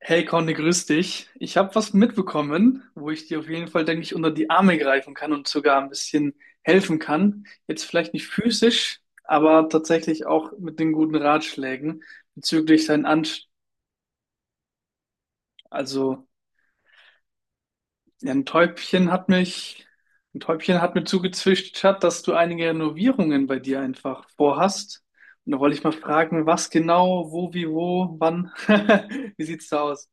Hey Conny, grüß dich. Ich habe was mitbekommen, wo ich dir auf jeden Fall, denke ich, unter die Arme greifen kann und sogar ein bisschen helfen kann. Jetzt vielleicht nicht physisch, aber tatsächlich auch mit den guten Ratschlägen bezüglich sein Anst. Also ja, ein Täubchen hat mich, ein Täubchen hat mir zugezwitschert, dass du einige Renovierungen bei dir einfach vorhast. Und da wollte ich mal fragen, was genau, wo, wie, wo, wann. Wie sieht's da aus?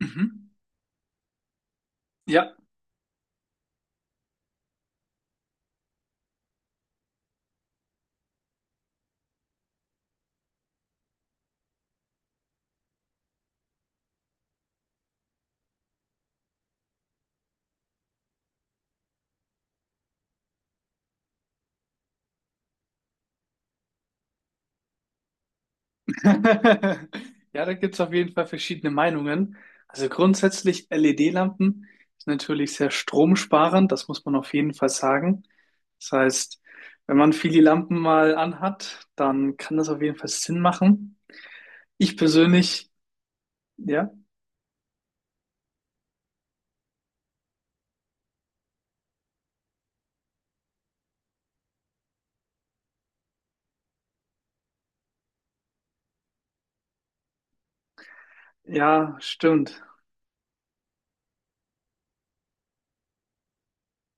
Mhm. Ja. Ja, da gibt es auf jeden Fall verschiedene Meinungen. Also grundsätzlich LED-Lampen sind natürlich sehr stromsparend, das muss man auf jeden Fall sagen. Das heißt, wenn man viele Lampen mal anhat, dann kann das auf jeden Fall Sinn machen. Ich persönlich, ja, ja, stimmt,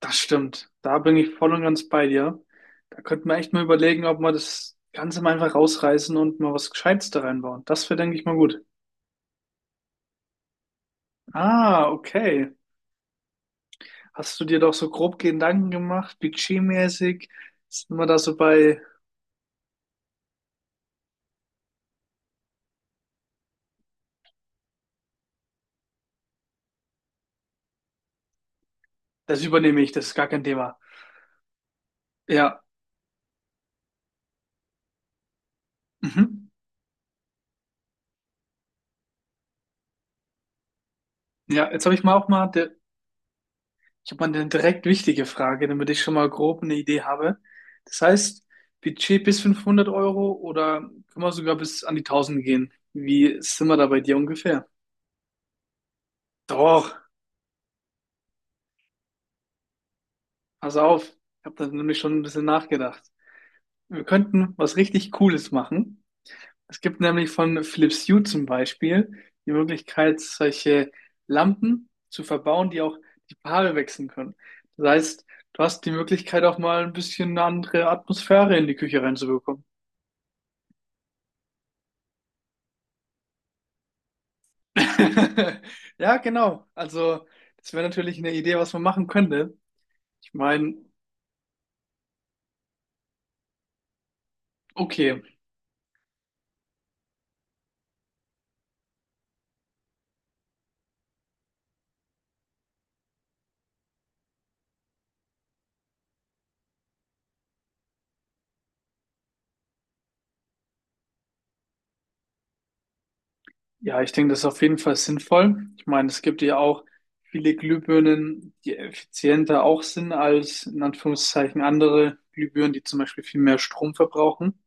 das stimmt. Da bin ich voll und ganz bei dir. Da könnte man echt mal überlegen, ob man das Ganze mal einfach rausreißen und mal was Gescheites da reinbauen. Das wäre, denke ich, mal gut. Ah, okay. Hast du dir doch so grob Gedanken gemacht, budgetmäßig? Sind wir da so bei, das übernehme ich, das ist gar kein Thema. Ja, mhm. Ja, jetzt habe ich mal auch mal, ich habe mal eine direkt wichtige Frage, damit ich schon mal grob eine Idee habe. Das heißt, Budget bis 500 € oder können wir sogar bis an die 1000 gehen? Wie sind wir da bei dir ungefähr? Doch, pass auf, ich habe da nämlich schon ein bisschen nachgedacht. Wir könnten was richtig Cooles machen. Es gibt nämlich von Philips Hue zum Beispiel die Möglichkeit, solche Lampen zu verbauen, die auch die Paare wechseln können. Das heißt, du hast die Möglichkeit, auch mal ein bisschen eine andere Atmosphäre in die Küche reinzubekommen. Ja, genau. Also, das wäre natürlich eine Idee, was man machen könnte. Ich meine, okay. Ja, ich denke, das ist auf jeden Fall sinnvoll. Ich meine, es gibt ja auch viele Glühbirnen, die effizienter auch sind als in Anführungszeichen andere Glühbirnen, die zum Beispiel viel mehr Strom verbrauchen.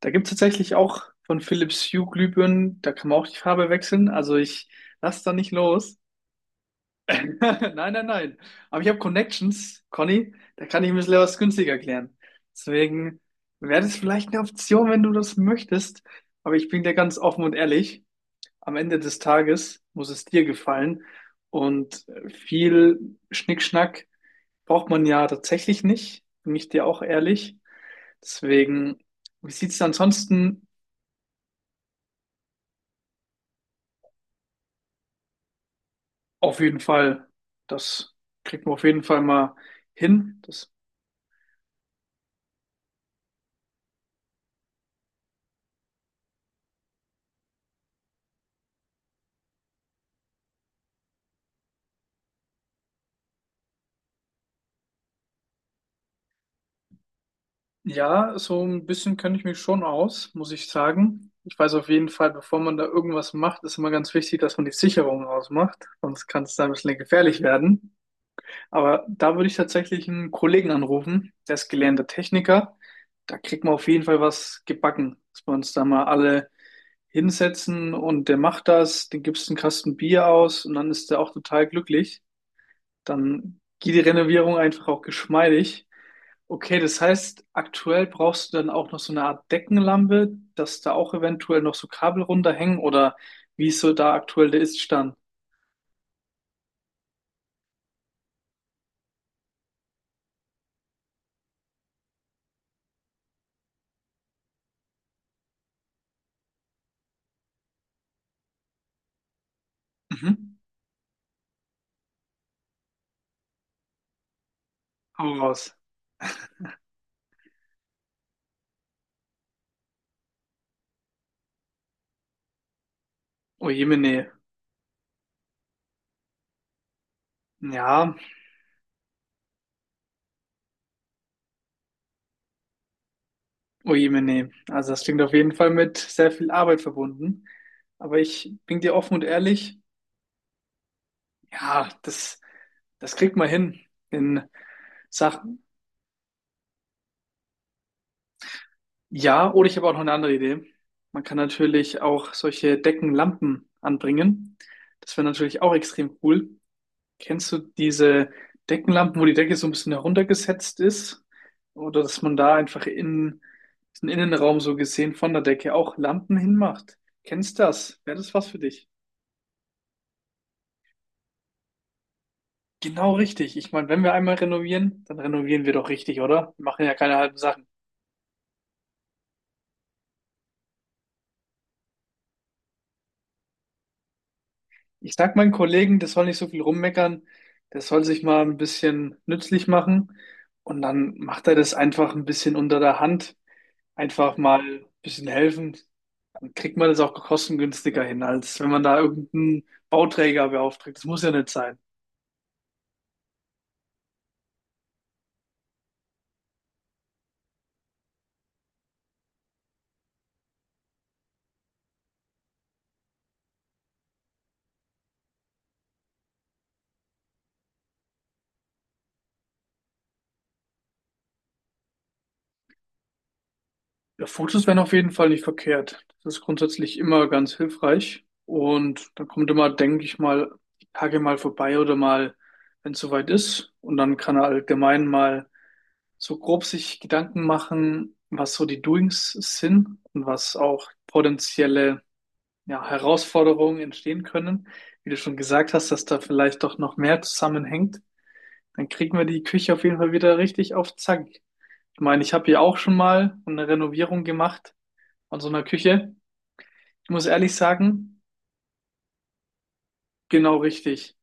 Da gibt es tatsächlich auch von Philips Hue Glühbirnen, da kann man auch die Farbe wechseln. Also ich lass da nicht los. Nein, nein, nein. Aber ich habe Connections, Conny, da kann ich ein bisschen was günstiger klären. Deswegen wäre das vielleicht eine Option, wenn du das möchtest. Aber ich bin dir ganz offen und ehrlich, am Ende des Tages muss es dir gefallen. Und viel Schnickschnack braucht man ja tatsächlich nicht, bin ich dir auch ehrlich. Deswegen, wie sieht's denn ansonsten? Auf jeden Fall, das kriegt man auf jeden Fall mal hin. Das, ja, so ein bisschen kenne ich mich schon aus, muss ich sagen. Ich weiß auf jeden Fall, bevor man da irgendwas macht, ist immer ganz wichtig, dass man die Sicherung ausmacht. Sonst kann es da ein bisschen gefährlich werden. Aber da würde ich tatsächlich einen Kollegen anrufen, der ist gelernter Techniker. Da kriegt man auf jeden Fall was gebacken, dass wir uns da mal alle hinsetzen und der macht das, den gibst einen Kasten Bier aus und dann ist der auch total glücklich. Dann geht die Renovierung einfach auch geschmeidig. Okay, das heißt, aktuell brauchst du dann auch noch so eine Art Deckenlampe, dass da auch eventuell noch so Kabel runterhängen oder wie ist so da aktuell der Iststand? Mhm. Hau raus. Oh Jemine. Ja, oh je, meine. Also das klingt auf jeden Fall mit sehr viel Arbeit verbunden. Aber ich bin dir offen und ehrlich, ja, das, das kriegt man hin in Sachen. Ja, oder ich habe auch noch eine andere Idee. Man kann natürlich auch solche Deckenlampen anbringen. Das wäre natürlich auch extrem cool. Kennst du diese Deckenlampen, wo die Decke so ein bisschen heruntergesetzt ist? Oder dass man da einfach in den Innenraum so gesehen von der Decke auch Lampen hinmacht? Kennst du das? Wäre das was für dich? Genau richtig. Ich meine, wenn wir einmal renovieren, dann renovieren wir doch richtig, oder? Wir machen ja keine halben Sachen. Ich sag meinen Kollegen, das soll nicht so viel rummeckern, das soll sich mal ein bisschen nützlich machen und dann macht er das einfach ein bisschen unter der Hand, einfach mal ein bisschen helfen. Dann kriegt man das auch kostengünstiger hin, als wenn man da irgendeinen Bauträger beauftragt. Das muss ja nicht sein. Ja, Fotos wären auf jeden Fall nicht verkehrt. Das ist grundsätzlich immer ganz hilfreich. Und dann kommt immer, denke ich mal, die Tage mal vorbei oder mal, wenn es soweit ist. Und dann kann er allgemein mal so grob sich Gedanken machen, was so die Doings sind und was auch potenzielle, ja, Herausforderungen entstehen können. Wie du schon gesagt hast, dass da vielleicht doch noch mehr zusammenhängt. Dann kriegen wir die Küche auf jeden Fall wieder richtig auf Zack. Ich meine, ich habe hier auch schon mal eine Renovierung gemacht von so einer Küche. Ich muss ehrlich sagen, genau richtig.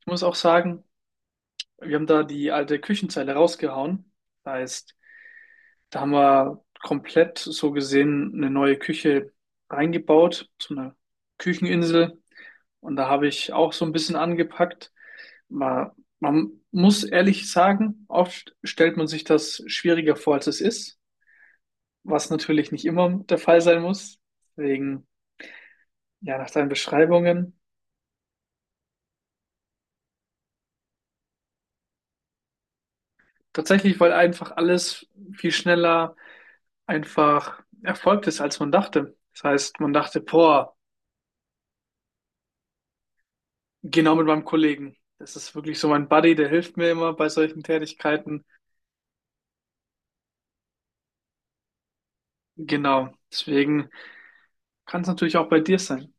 Ich muss auch sagen, wir haben da die alte Küchenzeile rausgehauen. Das heißt, da haben wir komplett so gesehen eine neue Küche reingebaut, so eine Kücheninsel. Und da habe ich auch so ein bisschen angepackt. Man, man muss ehrlich sagen, oft stellt man sich das schwieriger vor, als es ist, was natürlich nicht immer der Fall sein muss. Deswegen, ja, nach deinen Beschreibungen. Tatsächlich, weil einfach alles viel schneller einfach erfolgt ist, als man dachte. Das heißt, man dachte, boah, genau mit meinem Kollegen. Das ist wirklich so mein Buddy, der hilft mir immer bei solchen Tätigkeiten. Genau. Deswegen kann es natürlich auch bei dir sein.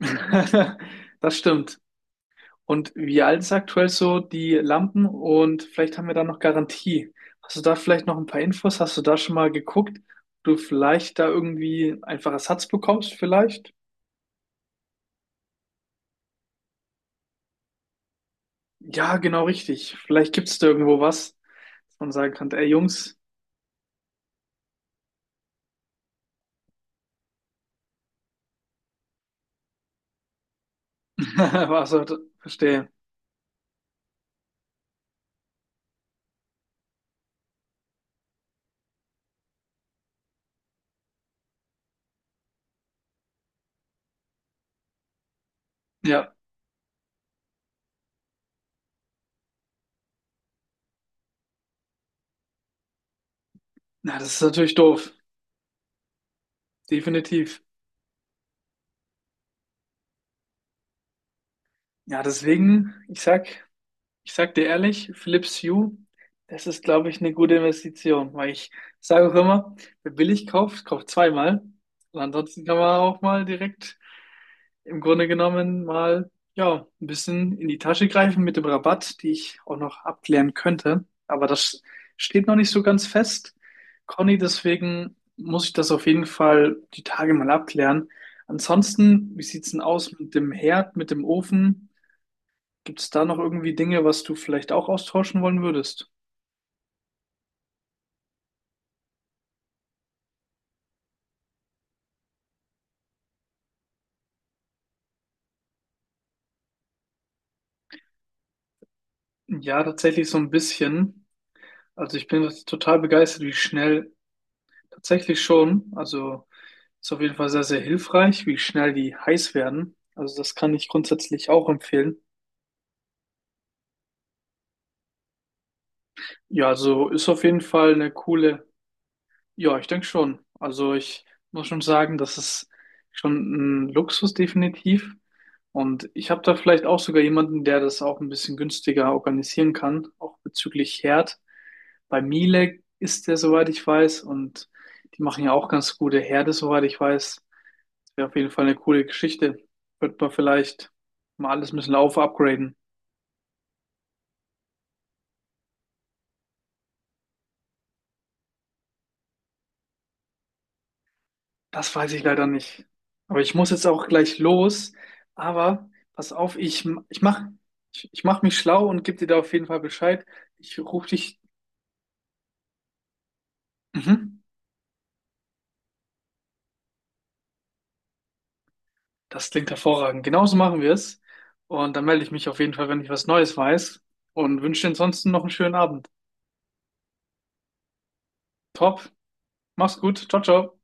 Das stimmt. Und wie alt ist aktuell so die Lampen? Und vielleicht haben wir da noch Garantie. Hast du da vielleicht noch ein paar Infos? Hast du da schon mal geguckt, ob du vielleicht da irgendwie einfach Ersatz bekommst, vielleicht? Ja, genau richtig. Vielleicht gibt es da irgendwo was, dass man sagen kann, ey Jungs, was heute? Verstehe. Ja, ja, das ist natürlich doof. Definitiv. Ja, deswegen, ich sag dir ehrlich, Philips Hue, das ist, glaube ich, eine gute Investition, weil ich sage auch immer, wer billig kauft, kauft zweimal. Und ansonsten kann man auch mal direkt im Grunde genommen mal ja, ein bisschen in die Tasche greifen mit dem Rabatt, die ich auch noch abklären könnte. Aber das steht noch nicht so ganz fest, Conny, deswegen muss ich das auf jeden Fall die Tage mal abklären. Ansonsten, wie sieht's denn aus mit dem Herd, mit dem Ofen? Gibt es da noch irgendwie Dinge, was du vielleicht auch austauschen wollen würdest? Ja, tatsächlich so ein bisschen. Also ich bin total begeistert, wie schnell tatsächlich schon, also ist auf jeden Fall sehr, sehr hilfreich, wie schnell die heiß werden. Also das kann ich grundsätzlich auch empfehlen. Ja, also ist auf jeden Fall eine coole, ja, ich denke schon. Also ich muss schon sagen, das ist schon ein Luxus definitiv. Und ich habe da vielleicht auch sogar jemanden, der das auch ein bisschen günstiger organisieren kann, auch bezüglich Herd. Bei Miele ist der, soweit ich weiß, und die machen ja auch ganz gute Herde, soweit ich weiß, wäre auf jeden Fall eine coole Geschichte. Wird man vielleicht mal alles ein bisschen auf upgraden. Das weiß ich leider nicht. Aber ich muss jetzt auch gleich los. Aber pass auf, ich mach mich schlau und gebe dir da auf jeden Fall Bescheid. Ich rufe dich. Mhm. Das klingt hervorragend. Genauso machen wir es. Und dann melde ich mich auf jeden Fall, wenn ich was Neues weiß. Und wünsche dir ansonsten noch einen schönen Abend. Top. Mach's gut. Ciao, ciao.